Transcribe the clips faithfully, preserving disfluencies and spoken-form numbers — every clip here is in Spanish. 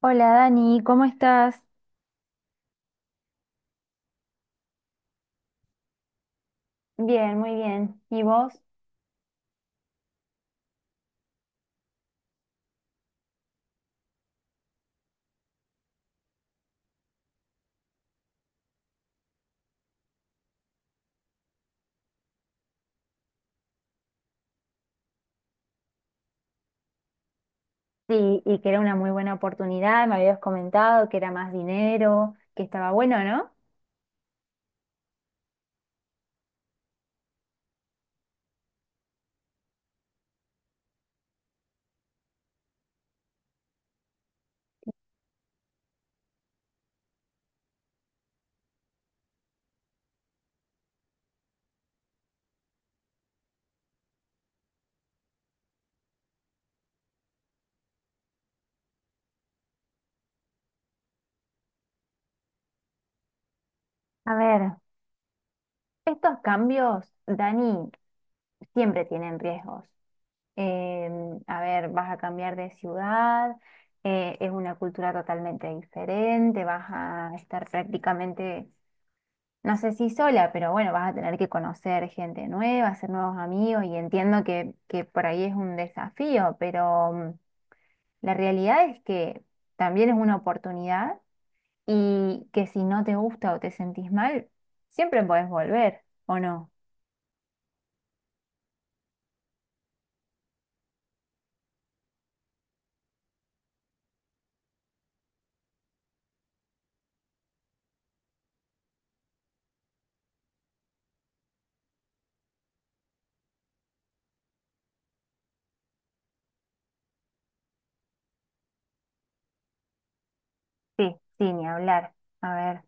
Hola Dani, ¿cómo estás? Bien, muy bien. ¿Y vos? Sí, y que era una muy buena oportunidad, me habías comentado que era más dinero, que estaba bueno, ¿no? A ver, estos cambios, Dani, siempre tienen riesgos. Em, a ver, vas a cambiar de ciudad, eh, es una cultura totalmente diferente, vas a estar prácticamente no sé si sola, pero bueno, vas a tener que conocer gente nueva, hacer nuevos amigos y entiendo que, que por ahí es un desafío, pero mm, la realidad es que también es una oportunidad y que si no te gusta o te sentís mal, siempre podés volver, ¿o no? Sí, sí, ni hablar. A ver,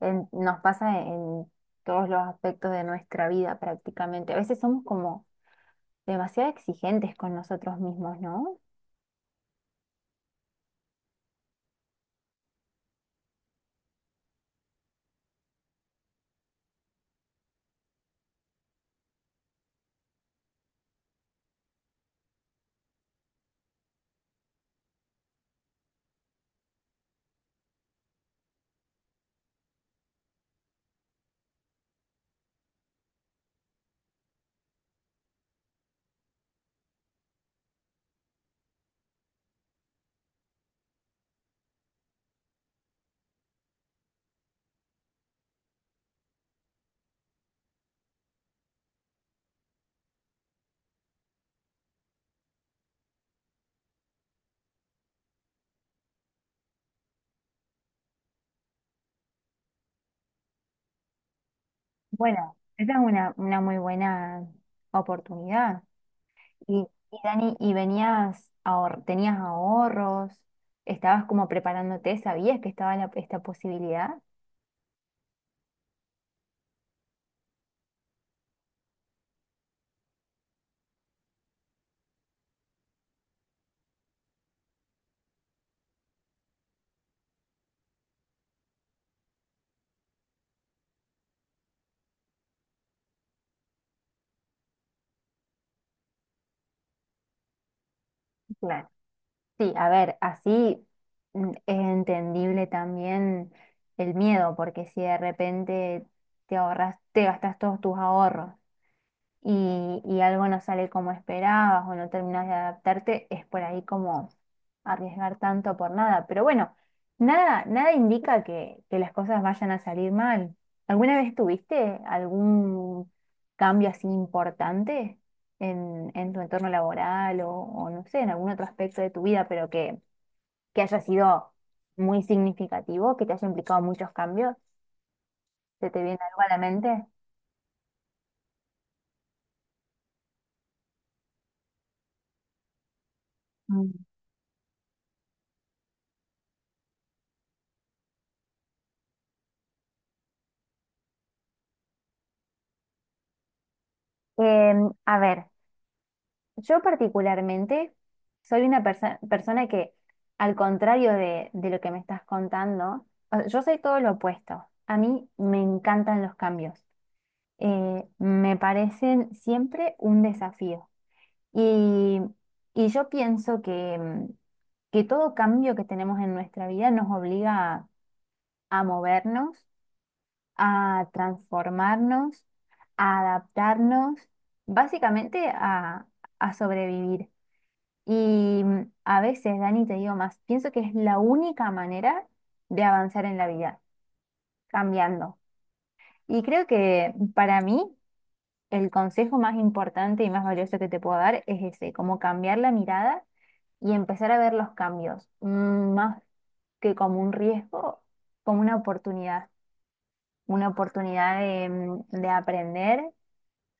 en- nos pasa en todos los aspectos de nuestra vida prácticamente. A veces somos como demasiado exigentes con nosotros mismos, ¿no? Bueno, esa es una, una muy buena oportunidad. Y, y Dani, ¿y venías, ahor- tenías ahorros? ¿Estabas como preparándote? ¿Sabías que estaba la- esta posibilidad? Claro. Sí, a ver, así mm, es entendible también el miedo, porque si de repente te ahorras, te gastas todos tus ahorros y, y algo no sale como esperabas o no terminas de adaptarte, es por ahí como arriesgar tanto por nada. Pero bueno, nada, nada indica que, que las cosas vayan a salir mal. ¿Alguna vez tuviste algún cambio así importante en, en tu entorno laboral o, o no sé, en algún otro aspecto de tu vida, pero que, que haya sido muy significativo, que te haya implicado muchos cambios? ¿Se te viene algo a la mente? Mm. Em, a ver. Yo particularmente soy una persa- persona que, al contrario de, de lo que me estás contando, o sea, yo soy todo lo opuesto. A mí me encantan los cambios. Eh, me parecen siempre un desafío. Y, y yo pienso que, mm, que todo cambio que tenemos en nuestra vida nos obliga a, a movernos, a transformarnos, a adaptarnos, básicamente a, a sobrevivir. Y mm, a veces, Dani, te digo más, pienso que es la única manera de avanzar en la vida, cambiando. Y creo que para mí el consejo más importante y más valioso que te puedo dar es ese, como cambiar la mirada y empezar a ver los cambios, mm, más que como un riesgo, como una oportunidad, una oportunidad de, mm, de aprender,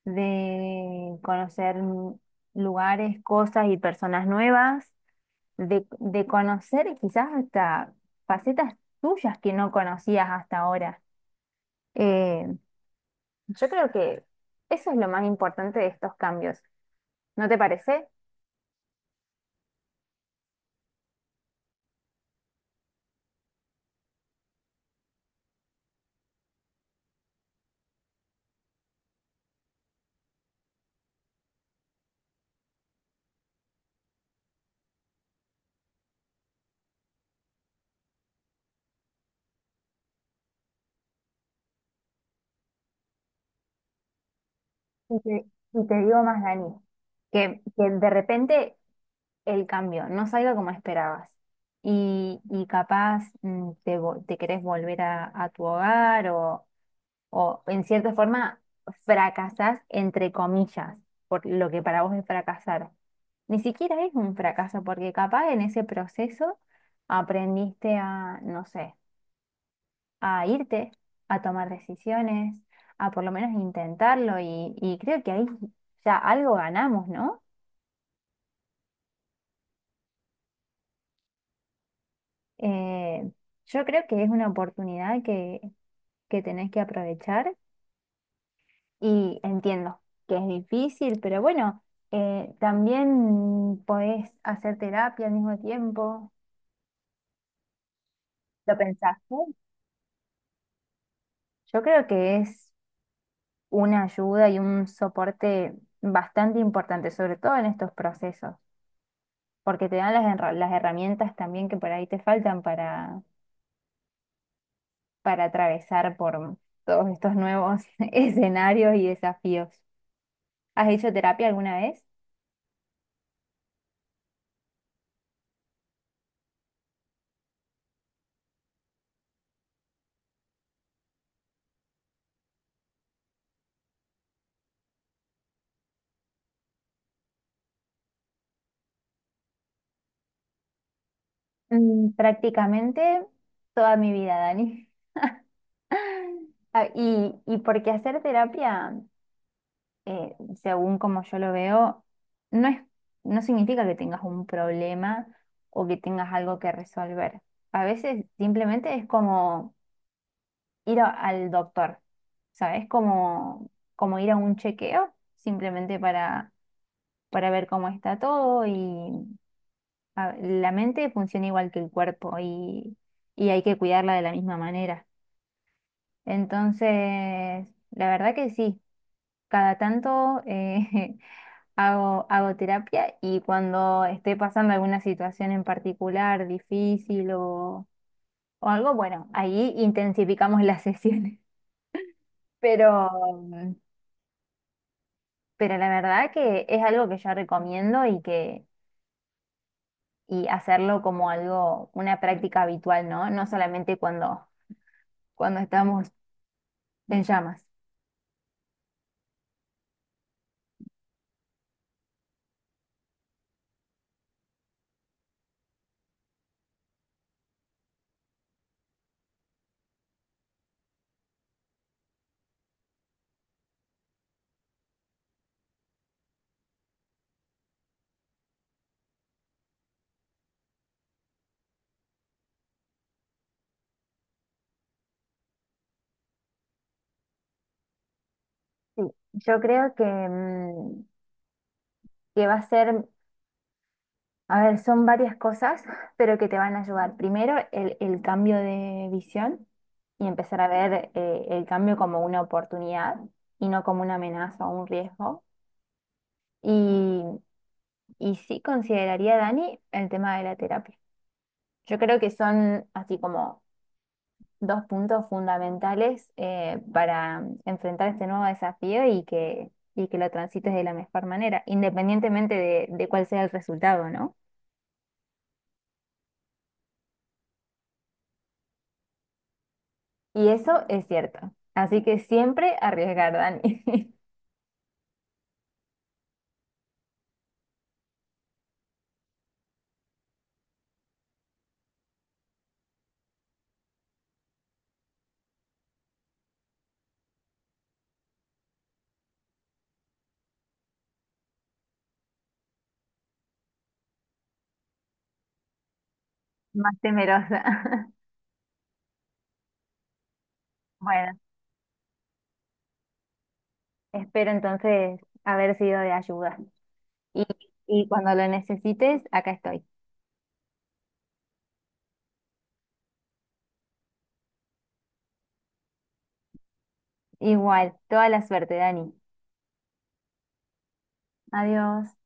de conocer mm, lugares, cosas y personas nuevas de, de conocer quizás hasta facetas tuyas que no conocías hasta ahora. Eh, yo creo que eso es lo más importante de estos cambios, ¿no te parece? Y te, y te digo más, Dani, que, que de repente el cambio no salga como esperabas y, y capaz mm, te, vo- te querés volver a, a tu hogar o, o en cierta forma fracasás entre comillas por lo que para vos es fracasar. Ni siquiera es un fracaso, porque capaz en ese proceso aprendiste a, no sé, a irte, a tomar decisiones, a por lo menos intentarlo y, y creo que ahí ya algo ganamos, ¿no? Eh, yo creo que es una oportunidad que, que tenés que aprovechar y entiendo que es difícil, pero bueno, eh, también podés hacer terapia al mismo tiempo. ¿Lo pensaste? Yo creo que es una ayuda y un soporte bastante importante, sobre todo en estos procesos, porque te dan las, herra- las herramientas también que por ahí te faltan para, para atravesar por todos estos nuevos escenarios y desafíos. ¿Has hecho terapia alguna vez? Mm, prácticamente toda mi vida, Dani. Ah, Y, y porque hacer terapia eh, según como yo lo veo, no es, no significa que tengas un problema o que tengas algo que resolver. A veces simplemente es como ir a- al doctor, ¿sabes? Como, como ir a un chequeo, simplemente para, para ver cómo está todo y a- la mente funciona igual que el cuerpo y, y hay que cuidarla de la misma manera. Entonces, la verdad que sí. Cada tanto eh, hago, hago terapia y cuando esté pasando alguna situación en particular difícil o, o algo, bueno, ahí intensificamos las sesiones. Pero, mm, pero la verdad que es algo que yo recomiendo y que y hacerlo como algo, una práctica habitual, ¿no? No solamente cuando, cuando estamos en llamas. Sí, yo creo que, mm, que va a ser a ver, son varias cosas, pero que te van a ayudar. Primero, el, el cambio de visión y empezar a ver eh, el cambio como una oportunidad y no como una amenaza o un riesgo. Y, y sí consideraría, Dani, el tema de la terapia. Yo creo que son así como dos puntos fundamentales eh, para enfrentar este nuevo desafío y que, y que lo transites de la mejor manera, independientemente de, de cuál sea el resultado, ¿no? Y eso es cierto. Así que siempre arriesgar, Dani. Más temerosa. Bueno, espero entonces haber sido de ayuda. Y, y cuando lo necesites, acá estoy. Igual, toda la suerte, Dani. Adiós.